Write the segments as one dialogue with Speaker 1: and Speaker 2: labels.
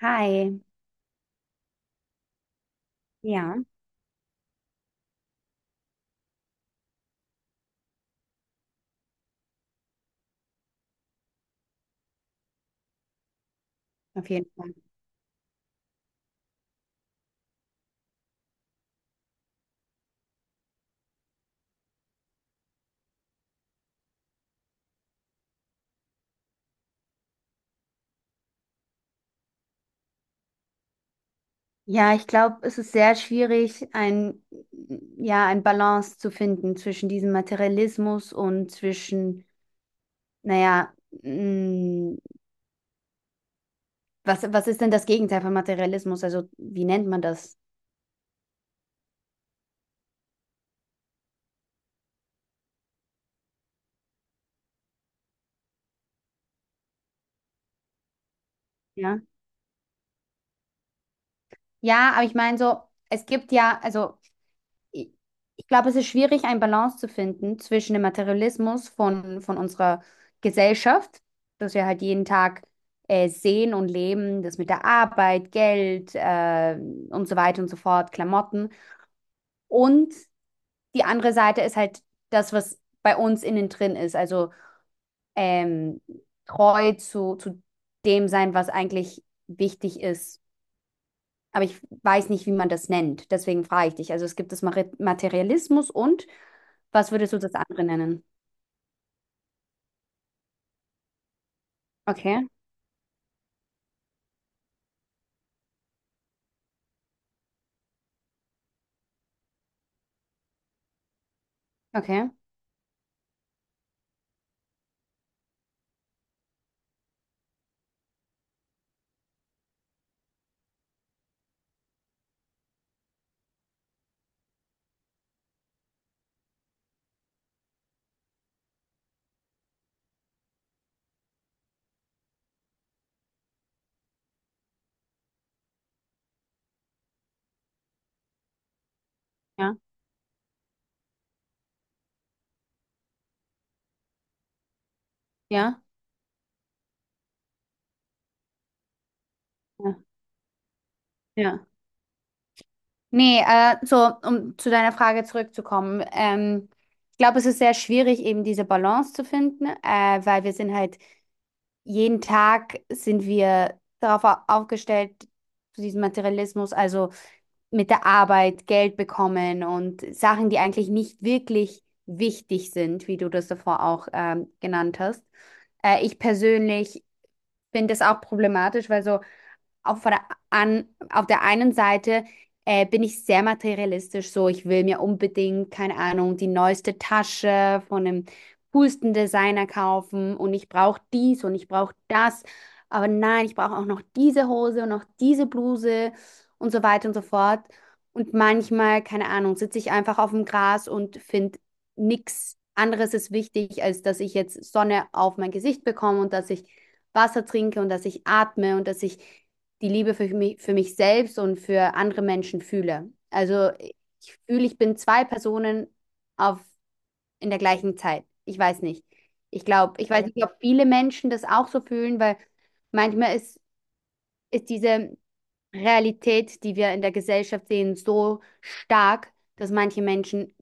Speaker 1: Hi, ja, auf jeden Fall. Ja, ich glaube, es ist sehr schwierig, ein Balance zu finden zwischen diesem Materialismus und zwischen, naja, mh, was ist denn das Gegenteil von Materialismus? Also, wie nennt man das? Ja. Ja, aber ich meine so, es gibt ja, also ich ich glaube, es ist schwierig, eine Balance zu finden zwischen dem Materialismus von unserer Gesellschaft, das wir halt jeden Tag sehen und leben, das mit der Arbeit, Geld und so weiter und so fort, Klamotten. Und die andere Seite ist halt das, was bei uns innen drin ist, also ähm, treu zu dem sein, was eigentlich wichtig ist, aber ich weiß nicht, wie man das nennt. Deswegen frage ich dich. Also es gibt das Materialismus und was würdest du das andere nennen? Okay, okay, ja, ja, ja, ja. Nee, so, um zu deiner Frage zurückzukommen. Ich glaube, es ist sehr schwierig, eben diese Balance zu finden, weil wir sind halt, jeden Tag sind wir darauf aufgestellt, zu diesem Materialismus. Also mit der Arbeit Geld bekommen und Sachen, die eigentlich nicht wirklich wichtig sind, wie du das davor auch genannt hast. Ich persönlich finde das auch problematisch, weil so auf der, auf der einen Seite bin ich sehr materialistisch, so ich will mir unbedingt, keine Ahnung, die neueste Tasche von dem coolsten Designer kaufen und ich brauche dies und ich brauche das, aber nein, ich brauche auch noch diese Hose und noch diese Bluse und so weiter und so fort. Und manchmal, keine Ahnung, sitze ich einfach auf dem Gras und finde, nichts anderes ist wichtig, als dass ich jetzt Sonne auf mein Gesicht bekomme und dass ich Wasser trinke und dass ich atme und dass ich die Liebe für mich selbst und für andere Menschen fühle. Also ich fühle, ich bin zwei Personen auf, in der gleichen Zeit. Ich weiß nicht. Ich glaube, ich weiß, okay, nicht, ob viele Menschen das auch so fühlen, weil manchmal ist diese Realität, die wir in der Gesellschaft sehen, so stark, dass manche Menschen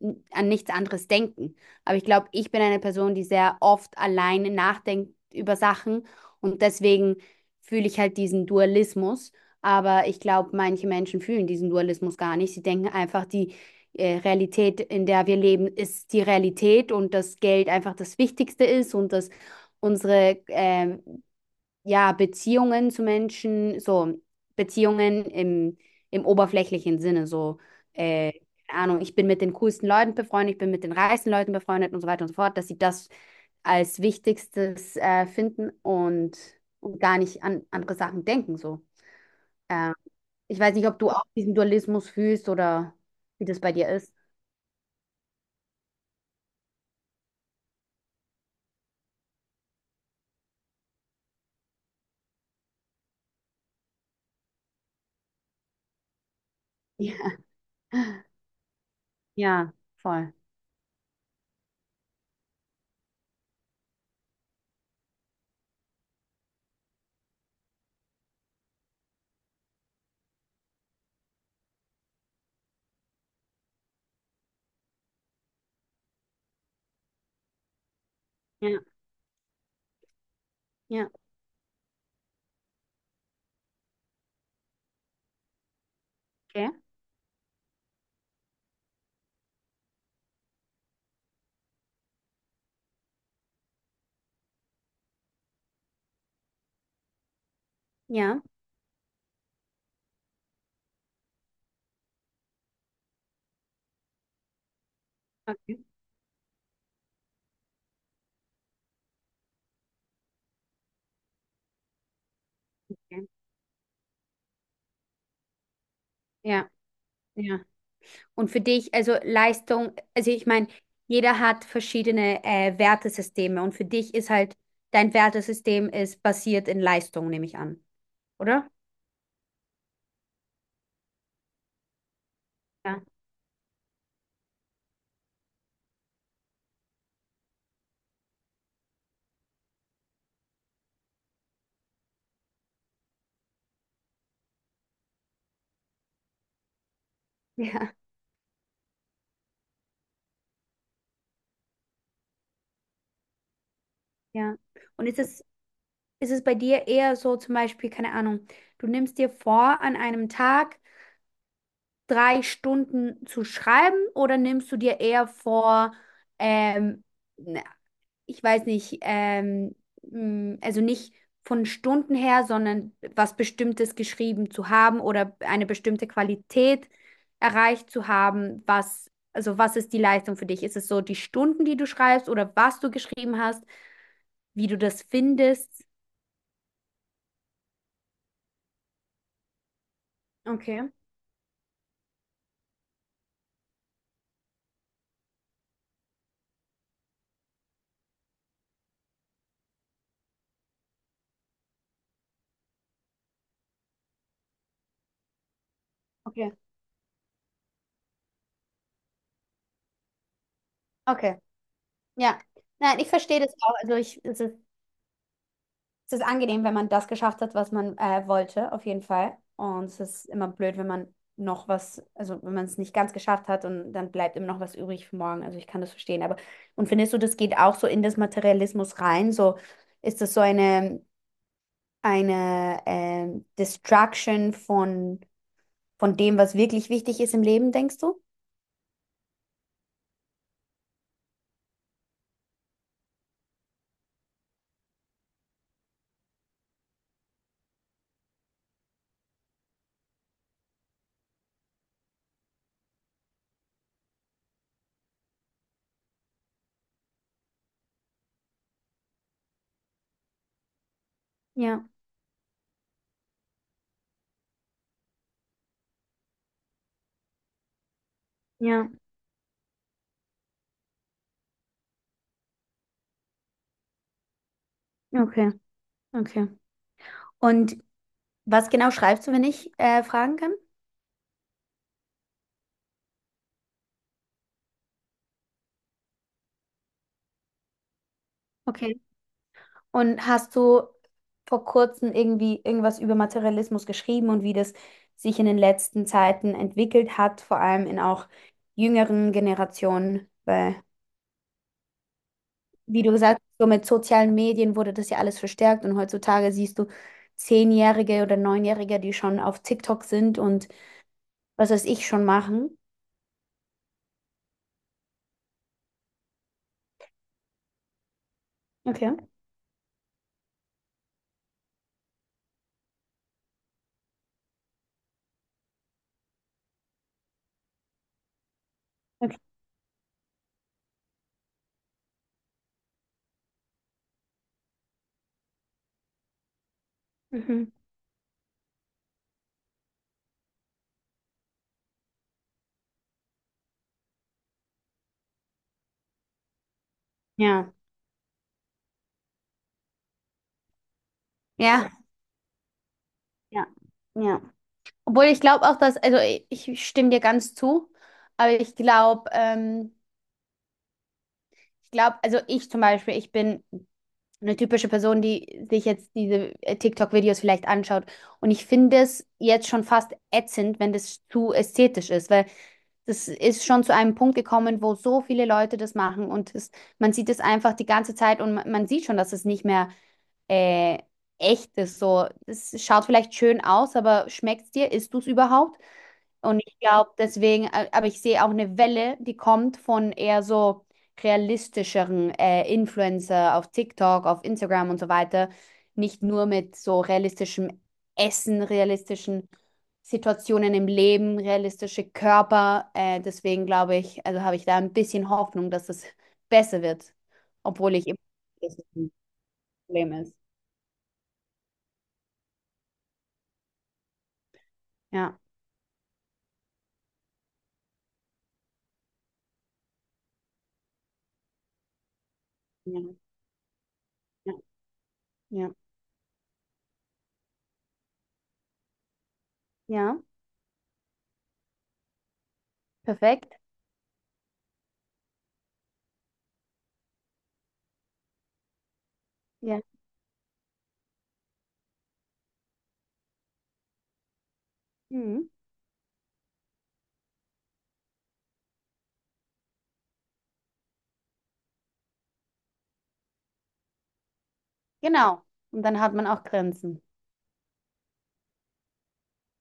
Speaker 1: an nichts anderes denken. Aber ich glaube, ich bin eine Person, die sehr oft alleine nachdenkt über Sachen, und deswegen fühle ich halt diesen Dualismus. Aber ich glaube, manche Menschen fühlen diesen Dualismus gar nicht. Sie denken einfach, die Realität, in der wir leben, ist die Realität und dass Geld einfach das Wichtigste ist und dass unsere ja, Beziehungen zu Menschen, so Beziehungen im oberflächlichen Sinne, so, äh, keine Ahnung, ich bin mit den coolsten Leuten befreundet, ich bin mit den reichsten Leuten befreundet und so weiter und so fort, dass sie das als Wichtigstes finden und gar nicht an andere Sachen denken, so. Äh, Ich weiß nicht, ob du auch diesen Dualismus fühlst oder wie das bei dir ist. Ja, ja, voll. Ja, ja, okay. Ja, okay, okay. Ja, ja. Und für dich, also Leistung, also ich meine, jeder hat verschiedene Wertesysteme, und für dich ist halt, dein Wertesystem ist basiert in Leistung, nehme ich an, oder? Ja. Ja, ja. Und ist es bei dir eher so, zum Beispiel, keine Ahnung, du nimmst dir vor, an einem Tag drei Stunden zu schreiben, oder nimmst du dir eher vor, ähm, ich weiß nicht, also nicht von Stunden her, sondern was Bestimmtes geschrieben zu haben oder eine bestimmte Qualität erreicht zu haben, was, also was ist die Leistung für dich? Ist es so die Stunden, die du schreibst, oder was du geschrieben hast, wie du das findest? Okay, okay, okay. Ja. Nein, ich verstehe das auch. Also ich, es ist Es ist angenehm, wenn man das geschafft hat, was man wollte, auf jeden Fall. Und es ist immer blöd, wenn man noch was, also wenn man es nicht ganz geschafft hat und dann bleibt immer noch was übrig für morgen. Also ich kann das verstehen. Aber, und findest du, das geht auch so in das Materialismus rein? So, ist das so eine, Destruction von dem, was wirklich wichtig ist im Leben, denkst du? Ja, ja, okay, okay. Und was genau schreibst du, wenn ich fragen kann? Okay. Und hast du vor kurzem irgendwie irgendwas über Materialismus geschrieben und wie das sich in den letzten Zeiten entwickelt hat, vor allem in auch jüngeren Generationen? Weil, wie du gesagt hast, so mit sozialen Medien wurde das ja alles verstärkt, und heutzutage siehst du Zehnjährige oder Neunjährige, die schon auf TikTok sind und was weiß ich schon machen. Okay. Okay. Mhm. Ja. Ja. Ja. Ja. Obwohl ich glaube auch, dass, also ich stimme dir ganz zu, aber ich glaube, also ich zum Beispiel, ich bin eine typische Person, die sich jetzt diese TikTok-Videos vielleicht anschaut. Und ich finde es jetzt schon fast ätzend, wenn das zu ästhetisch ist, weil das ist schon zu einem Punkt gekommen, wo so viele Leute das machen, und es, man sieht es einfach die ganze Zeit und man sieht schon, dass es nicht mehr äh, echt ist. So, es schaut vielleicht schön aus, aber schmeckt es dir? Isst du es überhaupt? Und ich glaube deswegen, aber ich sehe auch eine Welle, die kommt von eher so realistischeren Influencer auf TikTok, auf Instagram und so weiter. Nicht nur mit so realistischem Essen, realistischen Situationen im Leben, realistische Körper. Deswegen glaube ich, also habe ich da ein bisschen Hoffnung, dass es besser wird, obwohl ich immer weiß, dass es ein Problem ist. Ja, ja, ja, ja, ja, perfekt. Ja, mhm. Genau. Und dann hat man auch Grenzen.